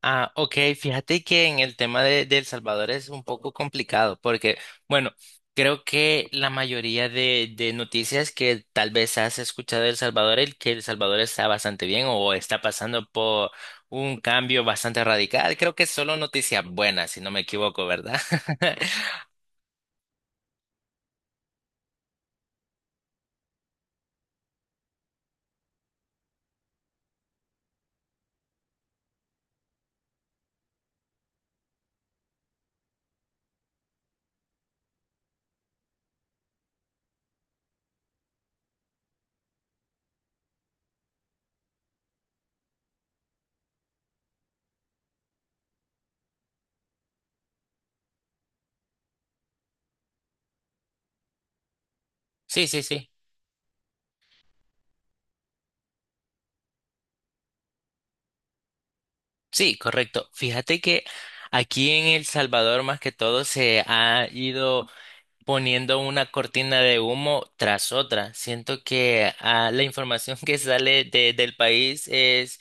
Ok, fíjate que en el tema de El Salvador es un poco complicado porque, bueno, creo que la mayoría de noticias que tal vez has escuchado de El Salvador, el que El Salvador está bastante bien o está pasando por un cambio bastante radical, creo que solo noticias buenas, si no me equivoco, ¿verdad? Sí, sí, sí. Sí, correcto. Fíjate que aquí en El Salvador más que todo se ha ido poniendo una cortina de humo tras otra. Siento que la información que sale del país es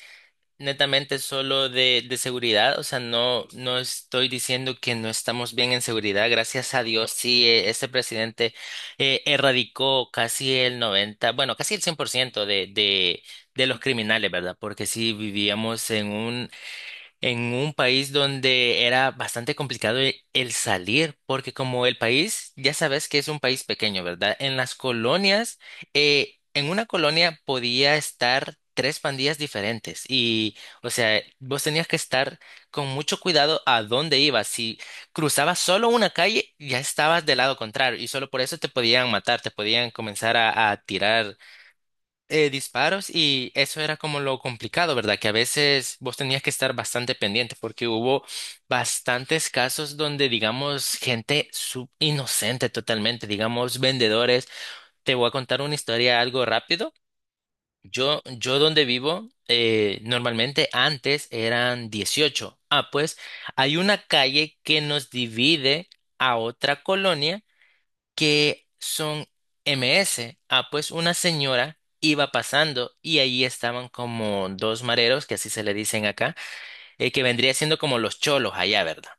netamente solo de seguridad. O sea, no, no estoy diciendo que no estamos bien en seguridad. Gracias a Dios, sí, este presidente erradicó casi el 90, bueno, casi el 100% de los criminales, ¿verdad? Porque sí vivíamos en un país donde era bastante complicado el salir, porque como el país, ya sabes que es un país pequeño, ¿verdad? En las colonias, en una colonia podía estar tres pandillas diferentes y, o sea, vos tenías que estar con mucho cuidado a dónde ibas. Si cruzabas solo una calle, ya estabas del lado contrario y solo por eso te podían matar, te podían comenzar a tirar disparos y eso era como lo complicado, ¿verdad? Que a veces vos tenías que estar bastante pendiente porque hubo bastantes casos donde, digamos, gente inocente totalmente, digamos, vendedores. Te voy a contar una historia algo rápido. Yo donde vivo, normalmente antes eran 18. Ah, pues hay una calle que nos divide a otra colonia que son MS. Ah, pues una señora iba pasando y ahí estaban como dos mareros, que así se le dicen acá, que vendría siendo como los cholos allá, ¿verdad?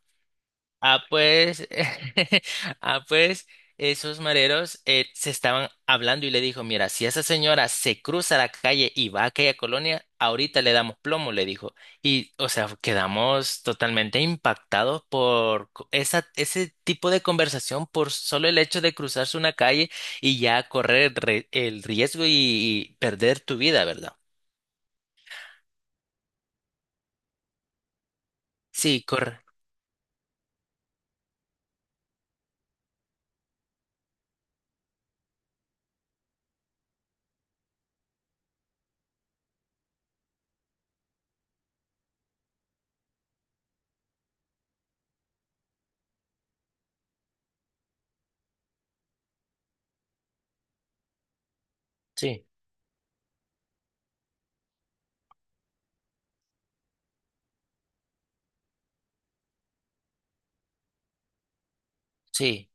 Ah, pues, ah, pues, esos mareros se estaban hablando y le dijo, mira, si esa señora se cruza la calle y va a aquella colonia, ahorita le damos plomo, le dijo. Y, o sea, quedamos totalmente impactados por esa, ese tipo de conversación, por solo el hecho de cruzarse una calle y ya correr el riesgo y perder tu vida, ¿verdad? Sí, corre. Sí, sí.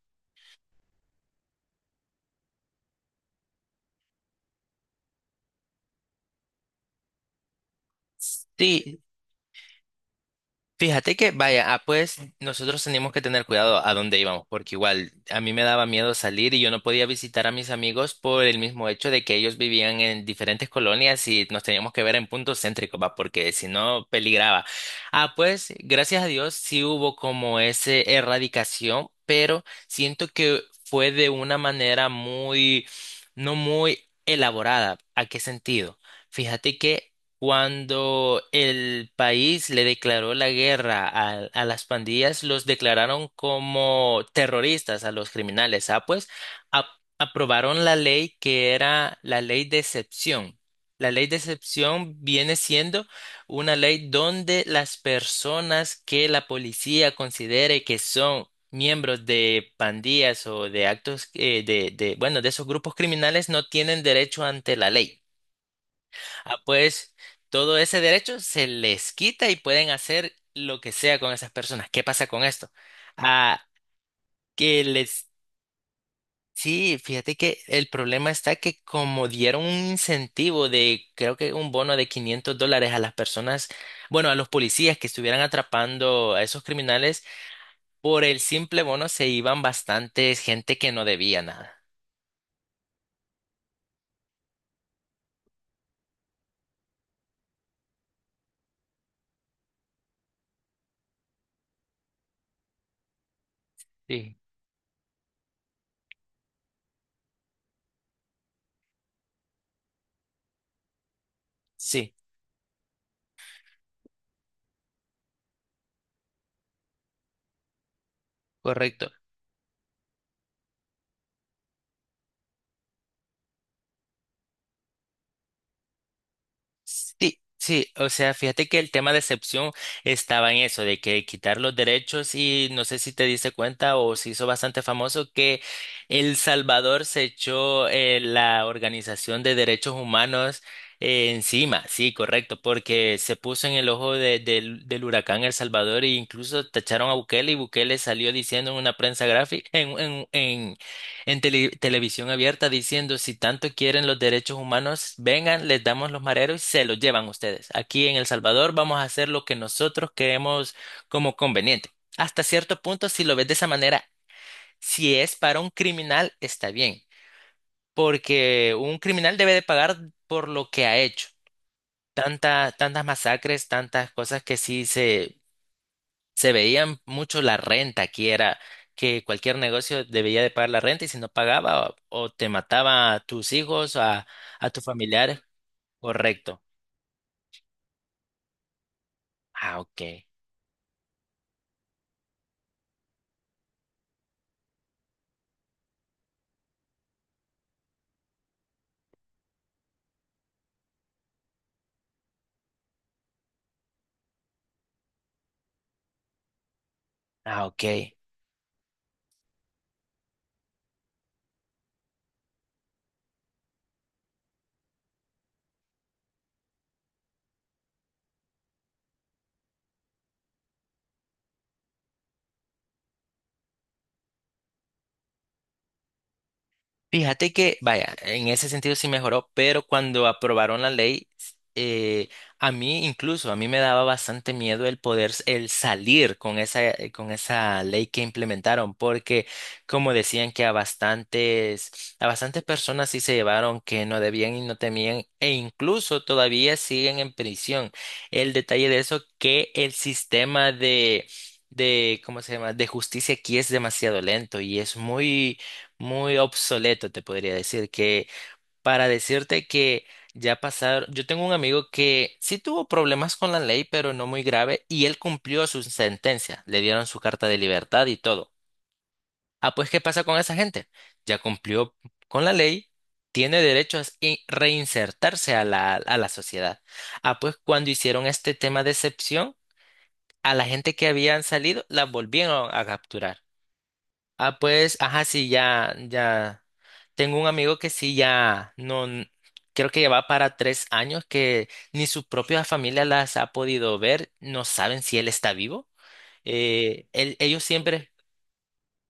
Sí, fíjate que, vaya, ah, pues nosotros teníamos que tener cuidado a dónde íbamos, porque igual a mí me daba miedo salir y yo no podía visitar a mis amigos por el mismo hecho de que ellos vivían en diferentes colonias y nos teníamos que ver en puntos céntricos, va, porque si no peligraba. Ah, pues gracias a Dios sí hubo como ese erradicación, pero siento que fue de una manera muy, no muy elaborada. ¿A qué sentido? Fíjate que cuando el país le declaró la guerra a las pandillas, los declararon como terroristas a los criminales. Ah, pues ap- aprobaron la ley que era la ley de excepción. La ley de excepción viene siendo una ley donde las personas que la policía considere que son miembros de pandillas o de actos bueno, de esos grupos criminales no tienen derecho ante la ley. Ah, pues todo ese derecho se les quita y pueden hacer lo que sea con esas personas. ¿Qué pasa con esto? Ah, que les... Sí, fíjate que el problema está que como dieron un incentivo de, creo que un bono de $500 a las personas, bueno, a los policías que estuvieran atrapando a esos criminales, por el simple bono se iban bastantes gente que no debía nada. Sí, sí, correcto. Sí, sí, o sea, fíjate que el tema de excepción estaba en eso, de que quitar los derechos y no sé si te diste cuenta o se hizo bastante famoso que El Salvador se echó la Organización de Derechos Humanos encima, sí, correcto, porque se puso en el ojo del huracán El Salvador e incluso tacharon a Bukele y Bukele salió diciendo en una prensa gráfica, en televisión abierta diciendo si tanto quieren los derechos humanos, vengan, les damos los mareros y se los llevan ustedes. Aquí en El Salvador vamos a hacer lo que nosotros creemos como conveniente. Hasta cierto punto, si lo ves de esa manera, si es para un criminal, está bien, porque un criminal debe de pagar por lo que ha hecho. Tanta, tantas masacres, tantas cosas que se veían mucho la renta, aquí era que cualquier negocio debía de pagar la renta y si no pagaba o te mataba a tus hijos, a tus familiares. Correcto. Ah, ok. Ah, ok. Fíjate que, vaya, en ese sentido sí mejoró, pero cuando aprobaron la ley, eh, a mí incluso, a mí me daba bastante miedo el poder, el salir con esa ley que implementaron, porque como decían que a bastantes personas sí se llevaron que no debían y no temían, e incluso todavía siguen en prisión. El detalle de eso, que el sistema de, ¿cómo se llama? De justicia aquí es demasiado lento y es muy, muy obsoleto, te podría decir, que para decirte que ya pasaron, yo tengo un amigo que sí tuvo problemas con la ley, pero no muy grave, y él cumplió su sentencia, le dieron su carta de libertad y todo. Ah, pues, ¿qué pasa con esa gente? Ya cumplió con la ley, tiene derecho a reinsertarse a a la sociedad. Ah, pues, cuando hicieron este tema de excepción, a la gente que habían salido, la volvieron a capturar. Ah, pues, ajá, sí, ya, ya. Tengo un amigo que sí, ya, no, creo que ya va para 3 años que ni su propia familia las ha podido ver, no saben si él está vivo. Ellos siempre,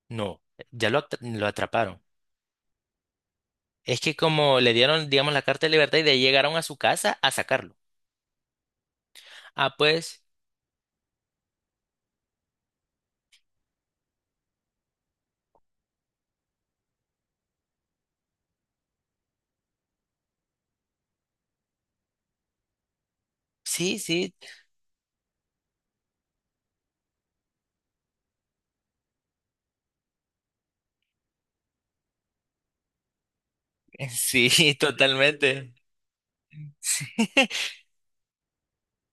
no, ya lo, lo atraparon. Es que como le dieron, digamos, la carta de libertad y de ahí llegaron a su casa a sacarlo. Ah, pues, sí, sí, sí, totalmente.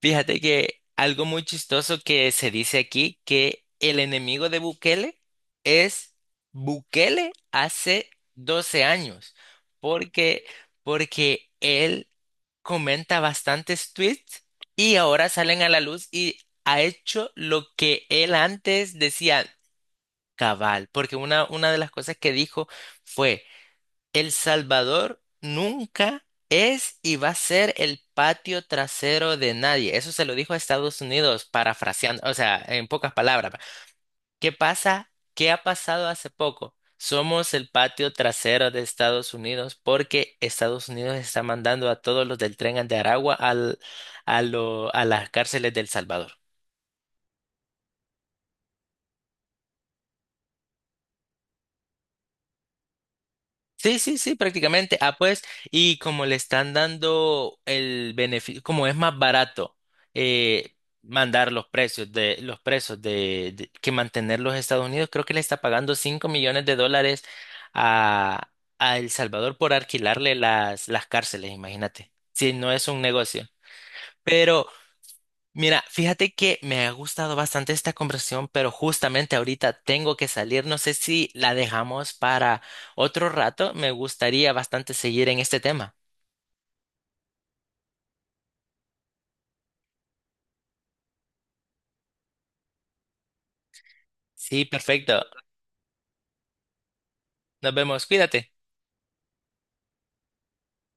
Fíjate que algo muy chistoso que se dice aquí, que el enemigo de Bukele es Bukele hace 12 años, porque, porque él comenta bastantes tweets y ahora salen a la luz y ha hecho lo que él antes decía cabal, porque una de las cosas que dijo fue... El Salvador nunca es y va a ser el patio trasero de nadie. Eso se lo dijo a Estados Unidos, parafraseando, o sea, en pocas palabras. ¿Qué pasa? ¿Qué ha pasado hace poco? Somos el patio trasero de Estados Unidos porque Estados Unidos está mandando a todos los del tren de Aragua a las cárceles del Salvador. Sí, sí, sí, prácticamente. Ah, pues, y como le están dando el beneficio, como es más barato eh, mandar los precios de los presos que mantener los Estados Unidos, creo que le está pagando $5 millones a, a El Salvador por alquilarle las cárceles, imagínate. Si no es un negocio. Mira, fíjate que me ha gustado bastante esta conversación, pero justamente ahorita tengo que salir. No sé si la dejamos para otro rato. Me gustaría bastante seguir en este tema. Sí, perfecto. Nos vemos. Cuídate.